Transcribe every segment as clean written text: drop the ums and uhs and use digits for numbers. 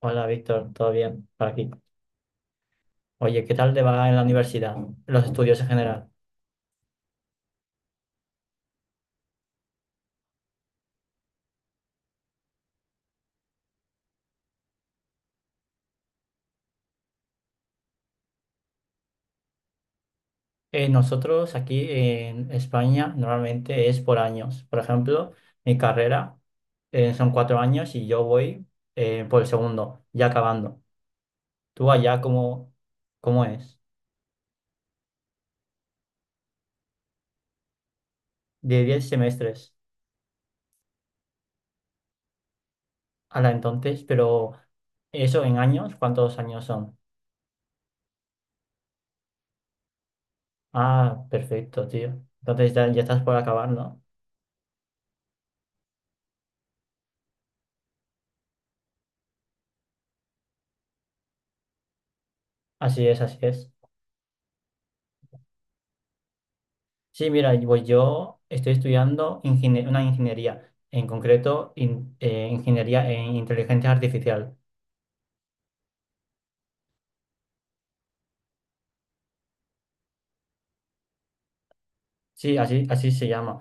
Hola Víctor, ¿todo bien? Por aquí. Oye, ¿qué tal te va en la universidad? Los estudios en general. Nosotros aquí en España normalmente es por años. Por ejemplo, mi carrera son 4 años y yo voy por el segundo, ya acabando. Tú allá, ¿cómo es? De 10 semestres. La Entonces, pero eso en años, ¿cuántos años son? Ah, perfecto, tío. Entonces ya estás por acabar, ¿no? Así es, así es. Sí, mira, y pues yo estoy estudiando una ingeniería, en concreto ingeniería en inteligencia artificial. Sí, así se llama.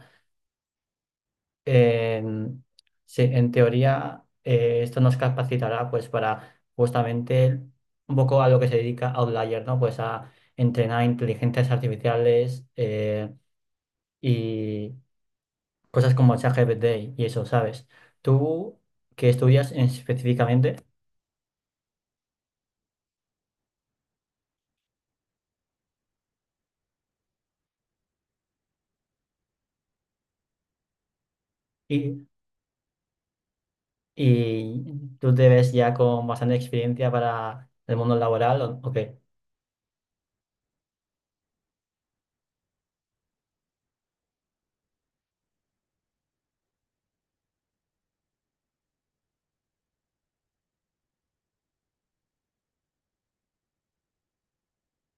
En- sí, en teoría esto nos capacitará pues para justamente un poco a lo que se dedica Outlier, ¿no? Pues a entrenar inteligencias artificiales y cosas como ChatGPT y eso, ¿sabes? ¿Tú qué estudias específicamente? Y tú te ves ya con bastante experiencia para el mundo laboral, ¿o qué?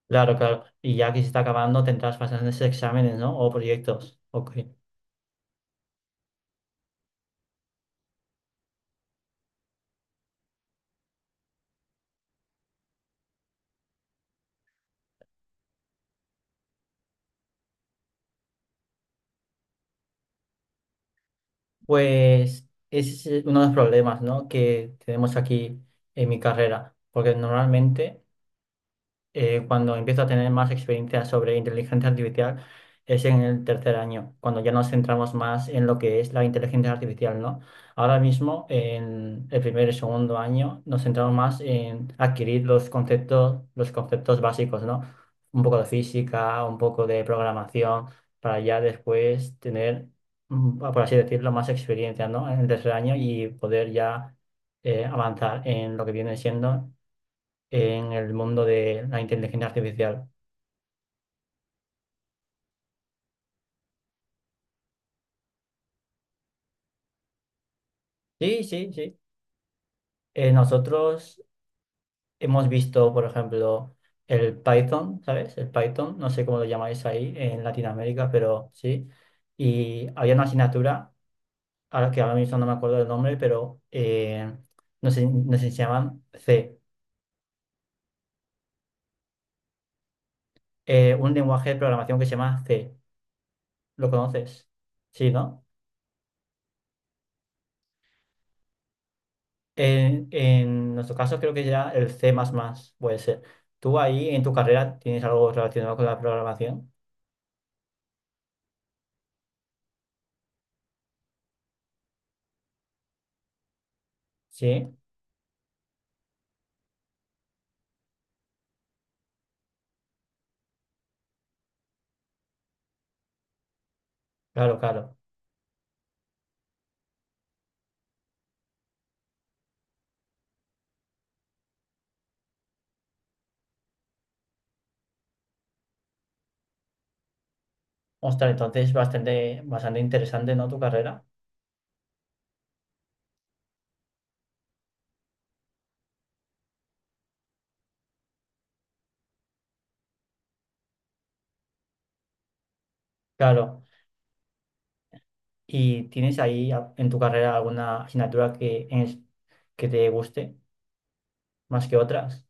Claro, claro. Y ya que se está acabando, tendrás bastantes exámenes, ¿no? O proyectos. Ok. Pues ese es uno de los problemas, ¿no? Que tenemos aquí en mi carrera. Porque normalmente cuando empiezo a tener más experiencia sobre inteligencia artificial es en el tercer año, cuando ya nos centramos más en lo que es la inteligencia artificial, ¿no? Ahora mismo, en el primer y segundo año, nos centramos más en adquirir los conceptos básicos, ¿no? Un poco de física, un poco de programación, para ya después tener, por así decirlo, más experiencia, ¿no? En el tercer año y poder ya avanzar en lo que viene siendo en el mundo de la inteligencia artificial. Sí, sí, sí. Nosotros hemos visto, por ejemplo, el Python, ¿sabes? El Python, no sé cómo lo llamáis ahí en Latinoamérica, pero sí. Y había una asignatura, ahora que ahora mismo no me acuerdo del nombre, pero nos enseñaban C, un lenguaje de programación que se llama C. ¿Lo conoces? Sí, ¿no? En nuestro caso creo que ya el C++ puede ser. ¿Tú ahí en tu carrera tienes algo relacionado con la programación? Sí, claro, claro. Ostras, entonces bastante, bastante interesante, ¿no? Tu carrera. Claro. ¿Y tienes ahí en tu carrera alguna asignatura que te guste más que otras?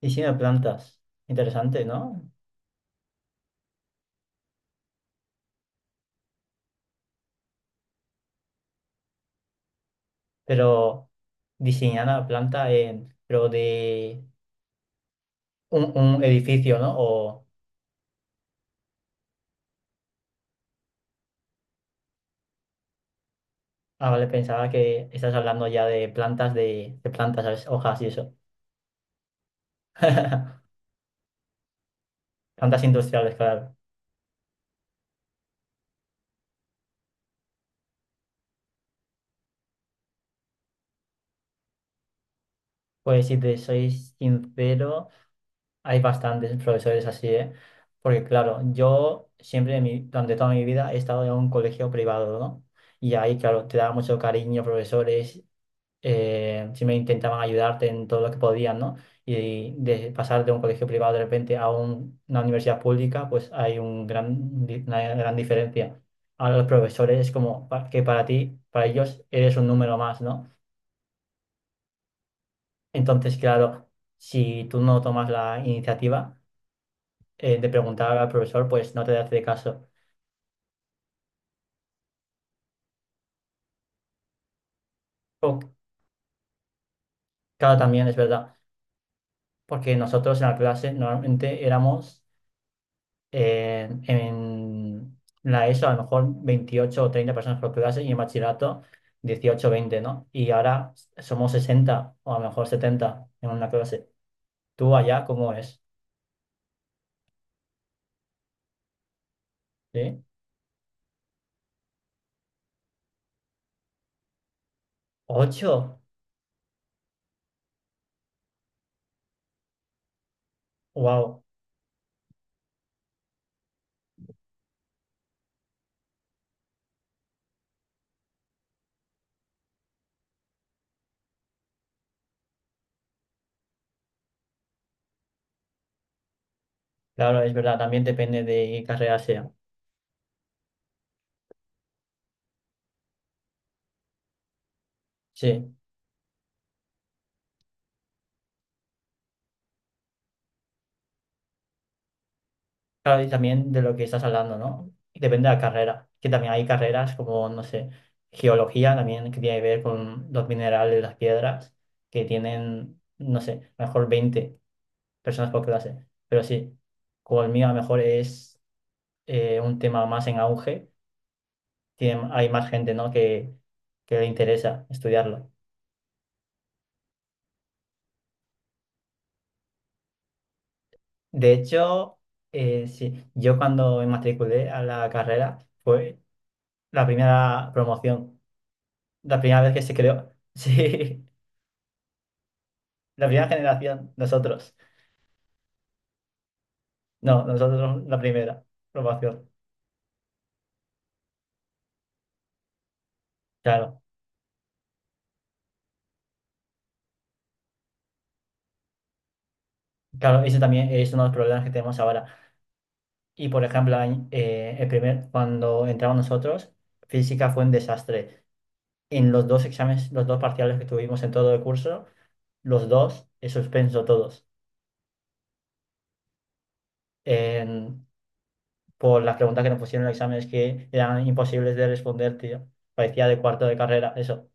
Diseño de plantas. Interesante, ¿no? Pero diseñar la planta en, pero de un edificio, ¿no? O. Ah, vale, pensaba que estás hablando ya de plantas, de plantas, ¿sabes? Hojas y eso. Plantas industriales, claro. Pues si te soy sincero, hay bastantes profesores así, ¿eh? Porque claro, yo siempre, durante toda mi vida, he estado en un colegio privado, ¿no? Y ahí, claro, te da mucho cariño, profesores, siempre intentaban ayudarte en todo lo que podían, ¿no? Y de pasar de un colegio privado de repente a una universidad pública, pues hay una gran diferencia. A los profesores es como que para ti, para ellos, eres un número más, ¿no? Entonces, claro, si tú no tomas la iniciativa de preguntar al profesor, pues no te hace caso. O- claro, también es verdad, porque nosotros en la clase normalmente éramos en la ESO a lo mejor 28 o 30 personas por clase y en bachillerato 18 o 20, ¿no? Y ahora somos 60 o a lo mejor 70 en una clase. ¿Tú allá cómo es? ¿Sí? Ocho. Wow. Claro, es verdad, también depende de qué carrera sea. Sí. Claro, y también de lo que estás hablando, ¿no? Depende de la carrera, que también hay carreras como, no sé, geología también que tiene que ver con los minerales, las piedras, que tienen, no sé, mejor 20 personas por clase. Pero sí, como el mío a lo mejor es un tema más en auge, hay más gente, ¿no? que le interesa estudiarlo. De hecho, sí, yo cuando me matriculé a la carrera fue la primera promoción, la primera vez que se creó, sí, la primera generación, nosotros. No, nosotros la primera promoción, claro. Claro, ese también es uno de los problemas que tenemos ahora. Y por ejemplo, cuando entramos nosotros, física fue un desastre. En los dos exámenes, los dos parciales que tuvimos en todo el curso, los dos he suspenso todos. En- por las preguntas que nos pusieron en los exámenes que eran imposibles de responder, tío. Parecía de cuarto de carrera, eso.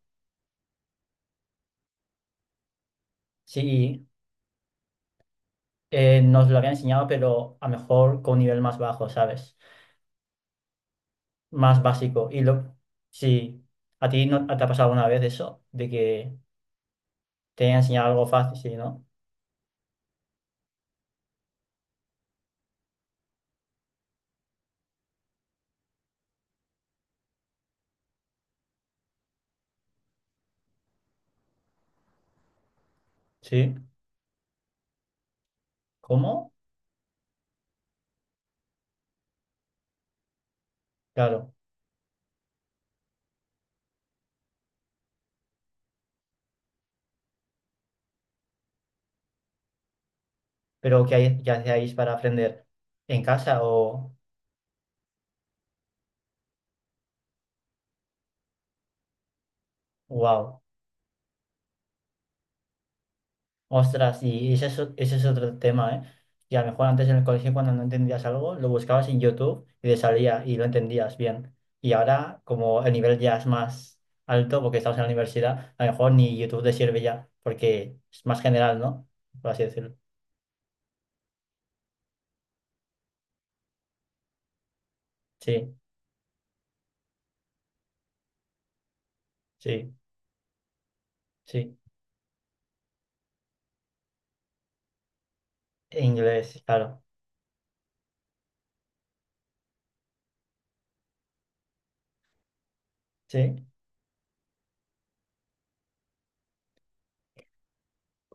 Sí, nos lo había enseñado, pero a lo mejor con un nivel más bajo, ¿sabes? Más básico. Sí, ¿a ti no te ha pasado alguna vez eso? De que te haya enseñado algo fácil, sí, ¿no? Sí. ¿Cómo? Claro, pero ¿qué hacíais para aprender? ¿En casa o? ¡Wow! Ostras, y ese es otro tema, ¿eh? Y a lo mejor antes en el colegio cuando no entendías algo, lo buscabas en YouTube y te salía y lo entendías bien. Y ahora, como el nivel ya es más alto, porque estamos en la universidad, a lo mejor ni YouTube te sirve ya, porque es más general, ¿no? Por así decirlo. Sí, sí, sí. Inglés, claro. Sí.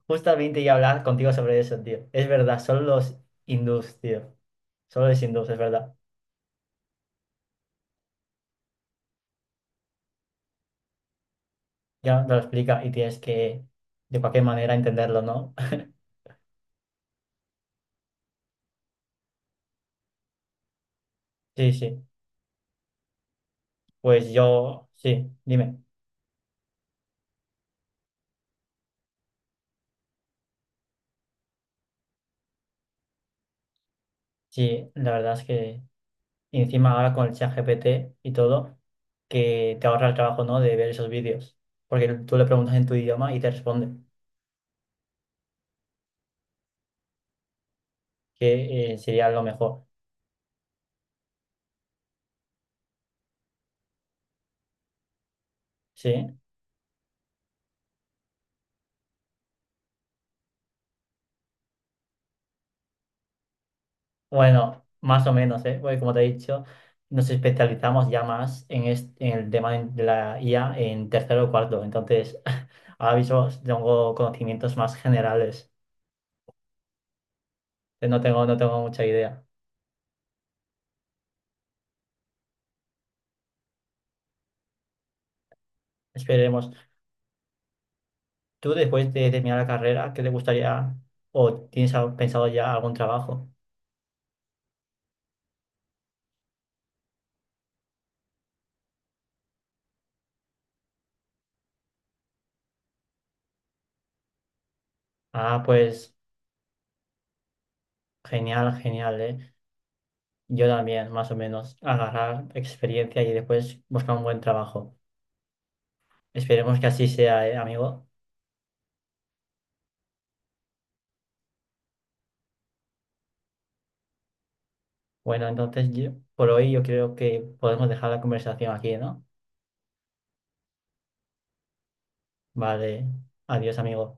Justamente iba a hablar contigo sobre eso, tío. Es verdad, son los hindús, tío. Solo los hindús, es verdad. Ya te lo explica y tienes que, de cualquier manera, entenderlo, ¿no? Sí, sí. Pues yo, sí, dime. Sí, la verdad es que y encima ahora con el ChatGPT y todo, que te ahorra el trabajo, ¿no? De ver esos vídeos. Porque tú le preguntas en tu idioma y te responde, que sería lo mejor. Sí. Bueno, más o menos, ¿eh? Porque como te he dicho, nos especializamos ya más en el tema de la IA en tercero o cuarto. Entonces, ahora mismo tengo conocimientos más generales. No tengo mucha idea. Esperemos. ¿Tú después de terminar la carrera, qué te gustaría o tienes pensado ya algún trabajo? Ah, pues genial, genial, ¿eh? Yo también, más o menos, agarrar experiencia y después buscar un buen trabajo. Esperemos que así sea, ¿eh, amigo? Bueno, entonces yo, por hoy yo creo que podemos dejar la conversación aquí, ¿no? Vale, adiós, amigo.